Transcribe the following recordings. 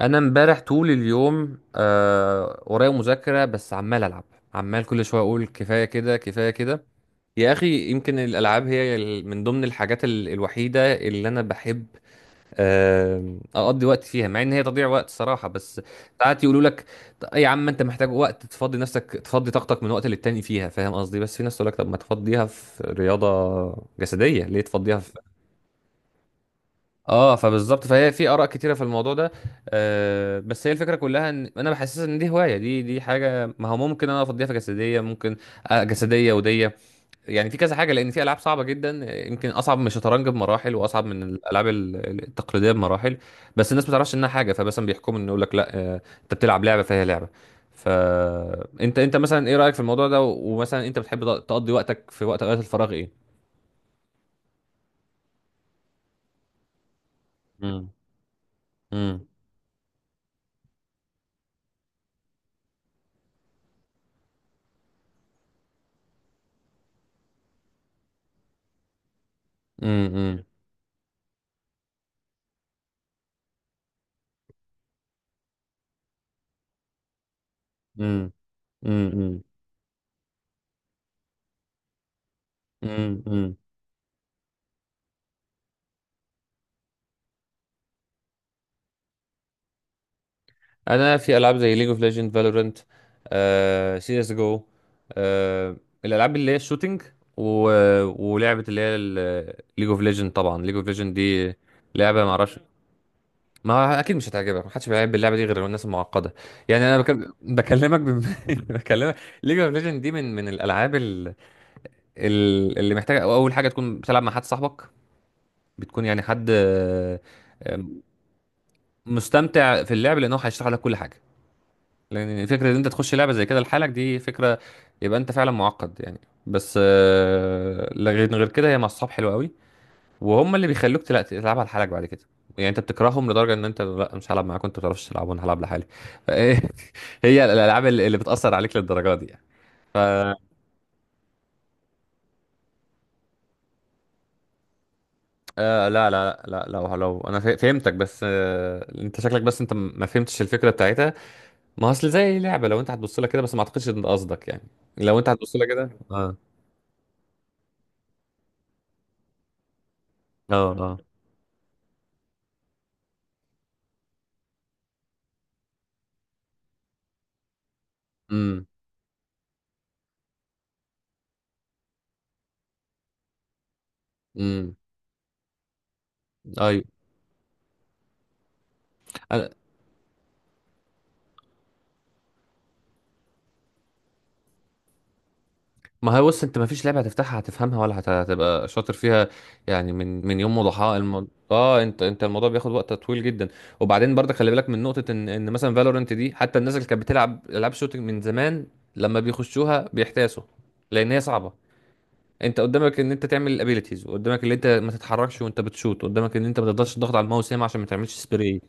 انا امبارح طول اليوم ورايا مذاكره، بس عمال العب. عمال كل شويه اقول كفايه كده، كفايه كده. يا اخي، يمكن الالعاب هي من ضمن الحاجات ال الوحيده اللي انا بحب اقضي وقت فيها، مع ان هي تضييع وقت صراحه. بس ساعات يقولوا لك يا عم، انت محتاج وقت تفضي نفسك، تفضي طاقتك من وقت للتاني فيها، فاهم قصدي؟ بس في ناس تقول لك طب ما تفضيها في رياضه جسديه، ليه تفضيها؟ اه، فبالظبط، فهي في اراء كتيره في الموضوع ده. آه، بس هي الفكره كلها ان انا بحسس ان دي هوايه، دي حاجه، ما هو ممكن انا افضيها في جسديه، ممكن جسديه وديه، يعني في كذا حاجه، لان في العاب صعبه جدا، يمكن اصعب من الشطرنج بمراحل، واصعب من الالعاب التقليديه بمراحل. بس الناس ما تعرفش انها حاجه، فمثلا بيحكموا ان يقول لك لا، انت بتلعب لعبه فهي لعبه. فانت انت مثلا ايه رايك في الموضوع ده؟ ومثلا انت بتحب تقضي وقتك في وقت اوقات الفراغ، ايه؟ امم. امم. امم. امم. مم، مم. انا في العاب زي ليج اوف ليجند، فالورنت، سي اس جو، الالعاب اللي هي الشوتينج، و... ولعبه اللي هي ليج اوف ليجند. طبعا ليج اوف ليجند دي لعبه ما اعرفش. ما هو اكيد مش هتعجبك، ما حدش بيلعب اللعبه دي غير الناس المعقده. يعني انا بك... بكلمك بم... بكلمك، ليج اوف ليجند دي من الالعاب ال... ال... اللي محتاجه اول حاجه تكون بتلعب مع حد صاحبك، بتكون يعني حد آه، مستمتع في اللعب، لانه هيشرح لك كل حاجه. لان فكره ان انت تخش لعبه زي كده لحالك، دي فكره، يبقى انت فعلا معقد يعني. بس، لغير غير كده هي مع الصحاب حلوه قوي. وهم اللي بيخلوك تلعبها لحالك بعد كده، يعني انت بتكرههم لدرجه ان انت، لا مش هلعب معاكم، انتوا ما بتعرفوش تلعبوا، انا هلعب لحالي. هي الالعاب اللي بتاثر عليك للدرجه دي يعني. ف... لا لا لا، لو انا فهمتك، بس آه، انت شكلك، بس انت ما فهمتش الفكره بتاعتها. ما اصل زي لعبه، لو انت هتبص لها كده، بس ما اعتقدش ان ده قصدك يعني. لو انت هتبص لها كده، اه. اه، اه. امم. امم. ايوه. أنا... ما هو بص، انت ما فيش لعبه هتفتحها هتفهمها ولا هتبقى شاطر فيها، يعني من يوم وضحاها، المو... اه، انت الموضوع بياخد وقت طويل جدا. وبعدين برضه خلي بالك من نقطه، ان مثلا فالورنت دي حتى الناس اللي كانت بتلعب العاب شوتنج من زمان، لما بيخشوها بيحتاسوا، لان هي صعبه. انت قدامك ان انت تعمل الابيليتيز، وقدامك ان انت ما تتحركش وانت بتشوت، قدامك ان انت ما تقدرش تضغط على الماوس ياما عشان ما تعملش سبراي.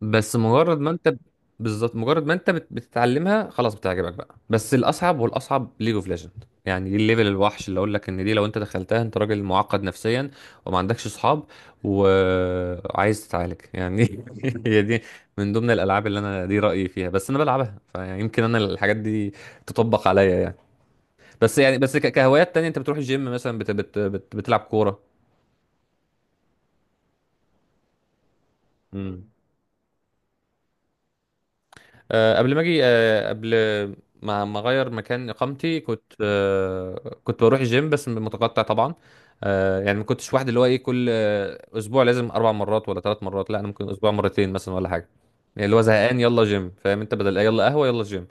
بس مجرد ما انت، بالظبط مجرد ما انت بتتعلمها خلاص بتعجبك بقى. بس الاصعب والاصعب ليج اوف ليجند، يعني دي الليفل الوحش اللي اقول لك ان دي لو انت دخلتها، انت راجل معقد نفسيا وما عندكش اصحاب وعايز تتعالج يعني. هي دي من ضمن الالعاب اللي انا، دي رايي فيها، بس انا بلعبها، فيمكن انا الحاجات دي تطبق عليا يعني. بس يعني بس كهوايات تانية، انت بتروح الجيم مثلا، بت بت بت بتلعب كوره؟ آه، قبل ما اجي، آه، قبل ما اغير مكان اقامتي، كنت كنت بروح الجيم بس متقطع طبعا. آه، يعني ما كنتش واحد اللي هو ايه، كل آه، اسبوع لازم اربع مرات ولا ثلاث مرات، لا انا ممكن اسبوع مرتين مثلا ولا حاجه. يعني اللي هو زهقان، يلا جيم، فاهم انت، بدل يلا قهوه يلا جيم.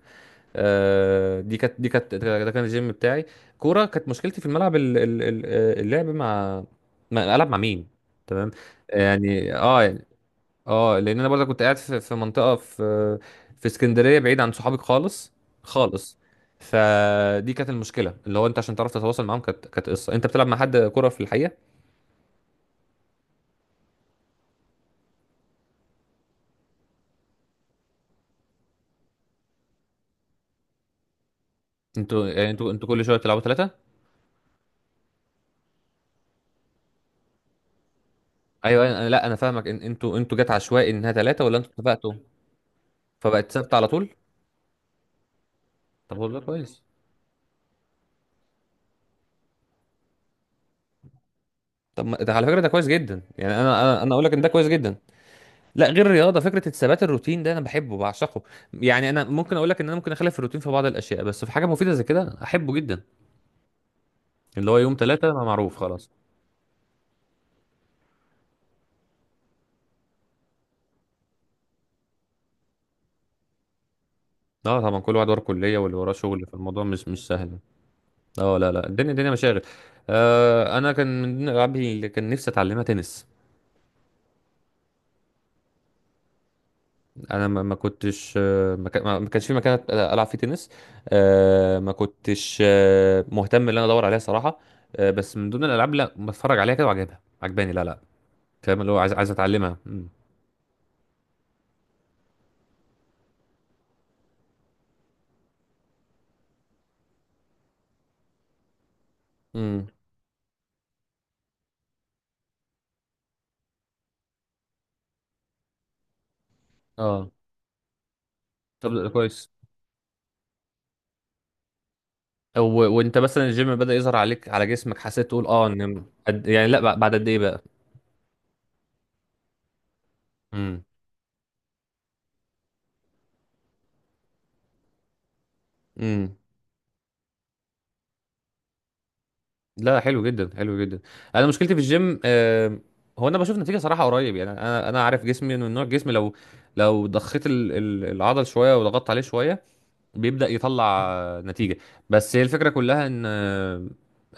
آه، دي كانت دي كانت ده كان الجيم بتاعي. كوره كانت مشكلتي في الملعب، اللعب مع، العب مع مين. تمام. يعني اه. اه، لان انا برضه كنت قاعد في منطقه، في، في اسكندريه بعيد عن صحابك خالص. خالص. فدي كانت المشكله، اللي هو انت عشان تعرف تتواصل معاهم، كانت قصه انت بتلعب مع حد كوره في الحقيقه. انتوا يعني انتوا كل شويه بتلعبوا ثلاثه؟ ايوه، انا لا، انا فاهمك، ان انتوا جت عشوائي انها ثلاثه، ولا انتوا اتفقتوا؟ فبقت ثابته على طول. طب هو ده كويس، طب ده على فكره ده كويس جدا، يعني انا اقول لك ان ده كويس جدا. لا، غير الرياضه، فكره الثبات الروتين ده انا بحبه بعشقه. يعني انا ممكن اقول لك ان انا ممكن اخالف الروتين في بعض الاشياء، بس في حاجه مفيده زي كده احبه جدا. اللي هو يوم ثلاثة ما، معروف خلاص. اه، طبعا، كل واحد وراه كلية واللي وراه شغل، فالموضوع مش سهل. اه لا لا، الدنيا الدنيا مشاغل. آه، انا كان من ضمن الالعاب اللي كان نفسي اتعلمها تنس. انا ما كنتش آه، ما كانش في مكان العب فيه تنس. آه ما كنتش آه، مهتم ان انا ادور عليها صراحة. آه، بس من ضمن الالعاب، لا بتفرج عليها كده وعجبها، عجباني، لا لا فاهم، اللي هو عايز، اتعلمها. امم. امم. اه، طب ده كويس. و... وانت مثلا الجيم بدأ يظهر عليك على جسمك؟ حسيت تقول اه ان قد... يعني لا، بعد قد ايه بقى؟ امم. امم. لا حلو جدا، حلو جدا. انا مشكلتي في الجيم آه... هو انا بشوف نتيجة صراحة قريب، يعني انا عارف جسمي انه نوع جسمي، لو ضخيت العضل شوية وضغطت عليه شوية، بيبدأ يطلع آه، نتيجة. بس هي الفكرة كلها ان آه،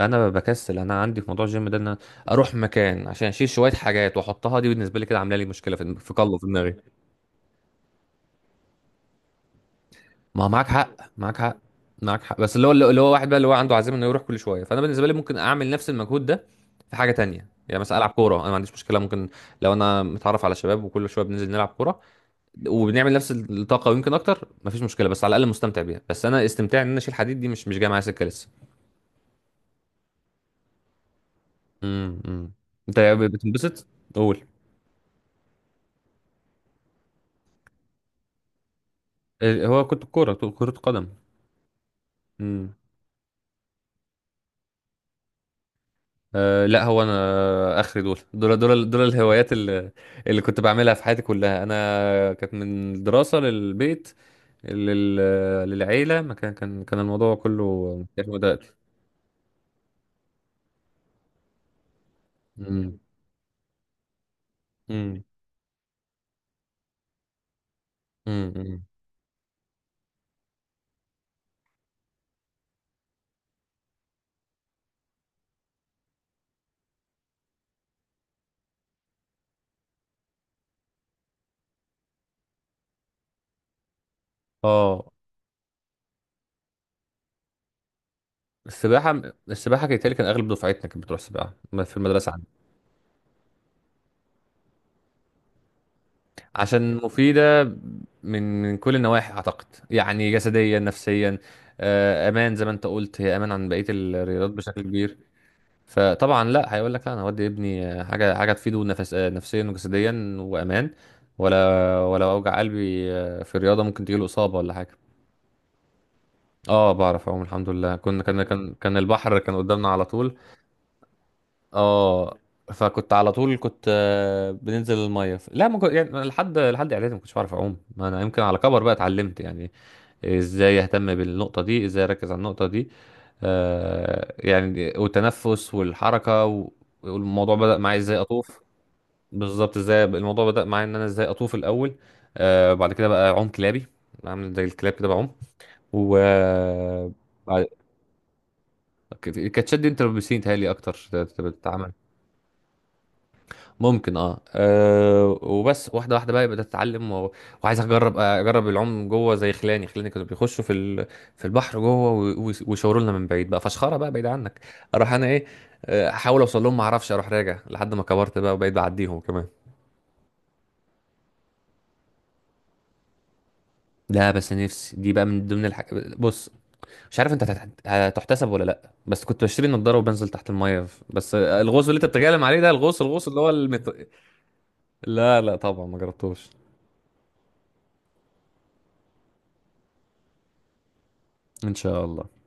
انا بكسل، انا عندي في موضوع الجيم ده، ان أنا اروح مكان عشان اشيل شوية حاجات واحطها، دي بالنسبة لي كده عاملة لي مشكلة في، في قلبي، في دماغي. ما معاك حق، معاك حق، معاك حق، بس اللي هو، واحد بقى اللي هو عنده عزيمه انه يروح كل شويه، فانا بالنسبه لي ممكن اعمل نفس المجهود ده في حاجه تانية، يعني مثلا العب كوره، انا ما عنديش مشكله، ممكن لو انا متعرف على شباب وكل شويه بننزل نلعب كوره وبنعمل نفس الطاقه ويمكن اكتر ما فيش مشكله، بس على الاقل مستمتع بيها، بس انا استمتاع ان انا اشيل حديد دي مش جايه معايا سكه لسه. امم. انت بتنبسط. قول. إيه، هو كنت الكوره، كره قدم. أه لا، هو انا اخر، دول الهوايات اللي، اللي كنت بعملها في حياتي كلها، انا كانت من الدراسه للبيت، لل... للعيله. ما كان الموضوع كله متاخد وقت. امم. امم. امم. اه. السباحه، السباحه كانت، اغلب دفعتنا كانت بتروح سباحه في المدرسه عندي. عشان مفيده من كل النواحي، اعتقد يعني جسديا، نفسيا، آه، امان، زي ما انت قلت، هي امان عن بقيه الرياضات بشكل كبير. فطبعا لا، هيقول لك لا انا هودي ابني آه، حاجه، حاجه تفيده، نفس آه، نفسيا وجسديا وامان. ولا، ولا اوجع قلبي آه، في الرياضه ممكن تجيله اصابه ولا حاجه. اه، بعرف اعوم الحمد لله، كنا كان البحر كان قدامنا على طول. اه، فكنت على طول كنت آه، بننزل الميه، لا، ما كنت يعني، لحد اعدادي ما كنتش بعرف اعوم، ما انا يمكن على كبر بقى اتعلمت يعني. ازاي اهتم بالنقطه دي، ازاي اركز على النقطه دي، آه، يعني والتنفس والحركه والموضوع بدأ معايا ازاي اطوف. بالظبط، ازاي الموضوع بدأ معايا ان انا ازاي اطوف الاول. آه، بعد كده بقى اعوم كلابي، اعمل زي الكلاب كده بعوم. و آه، بعد- كانت شد انت بسين، تهيألي اكتر بتتعمل. ممكن اه، وبس واحده واحده بقى بدات اتعلم، و... وعايز اجرب اجرب العوم جوه، زي خلاني كانوا بيخشوا في ال... في البحر جوه، ويشاوروا لنا من بعيد بقى فشخره بقى، بعيد عنك. اروح انا ايه، آه، احاول اوصل لهم ما اعرفش، اروح راجع لحد ما كبرت بقى وبقيت بعديهم كمان. لا، بس نفسي دي بقى من ضمن الحاجات، بص، مش عارف انت هتحتسب ولا لا، بس كنت بشتري نضاره وبنزل تحت الميه، بس الغوص اللي انت بتتكلم عليه ده، الغوص، اللي هو المت... لا لا طبعا ما جربتوش. ان شاء الله.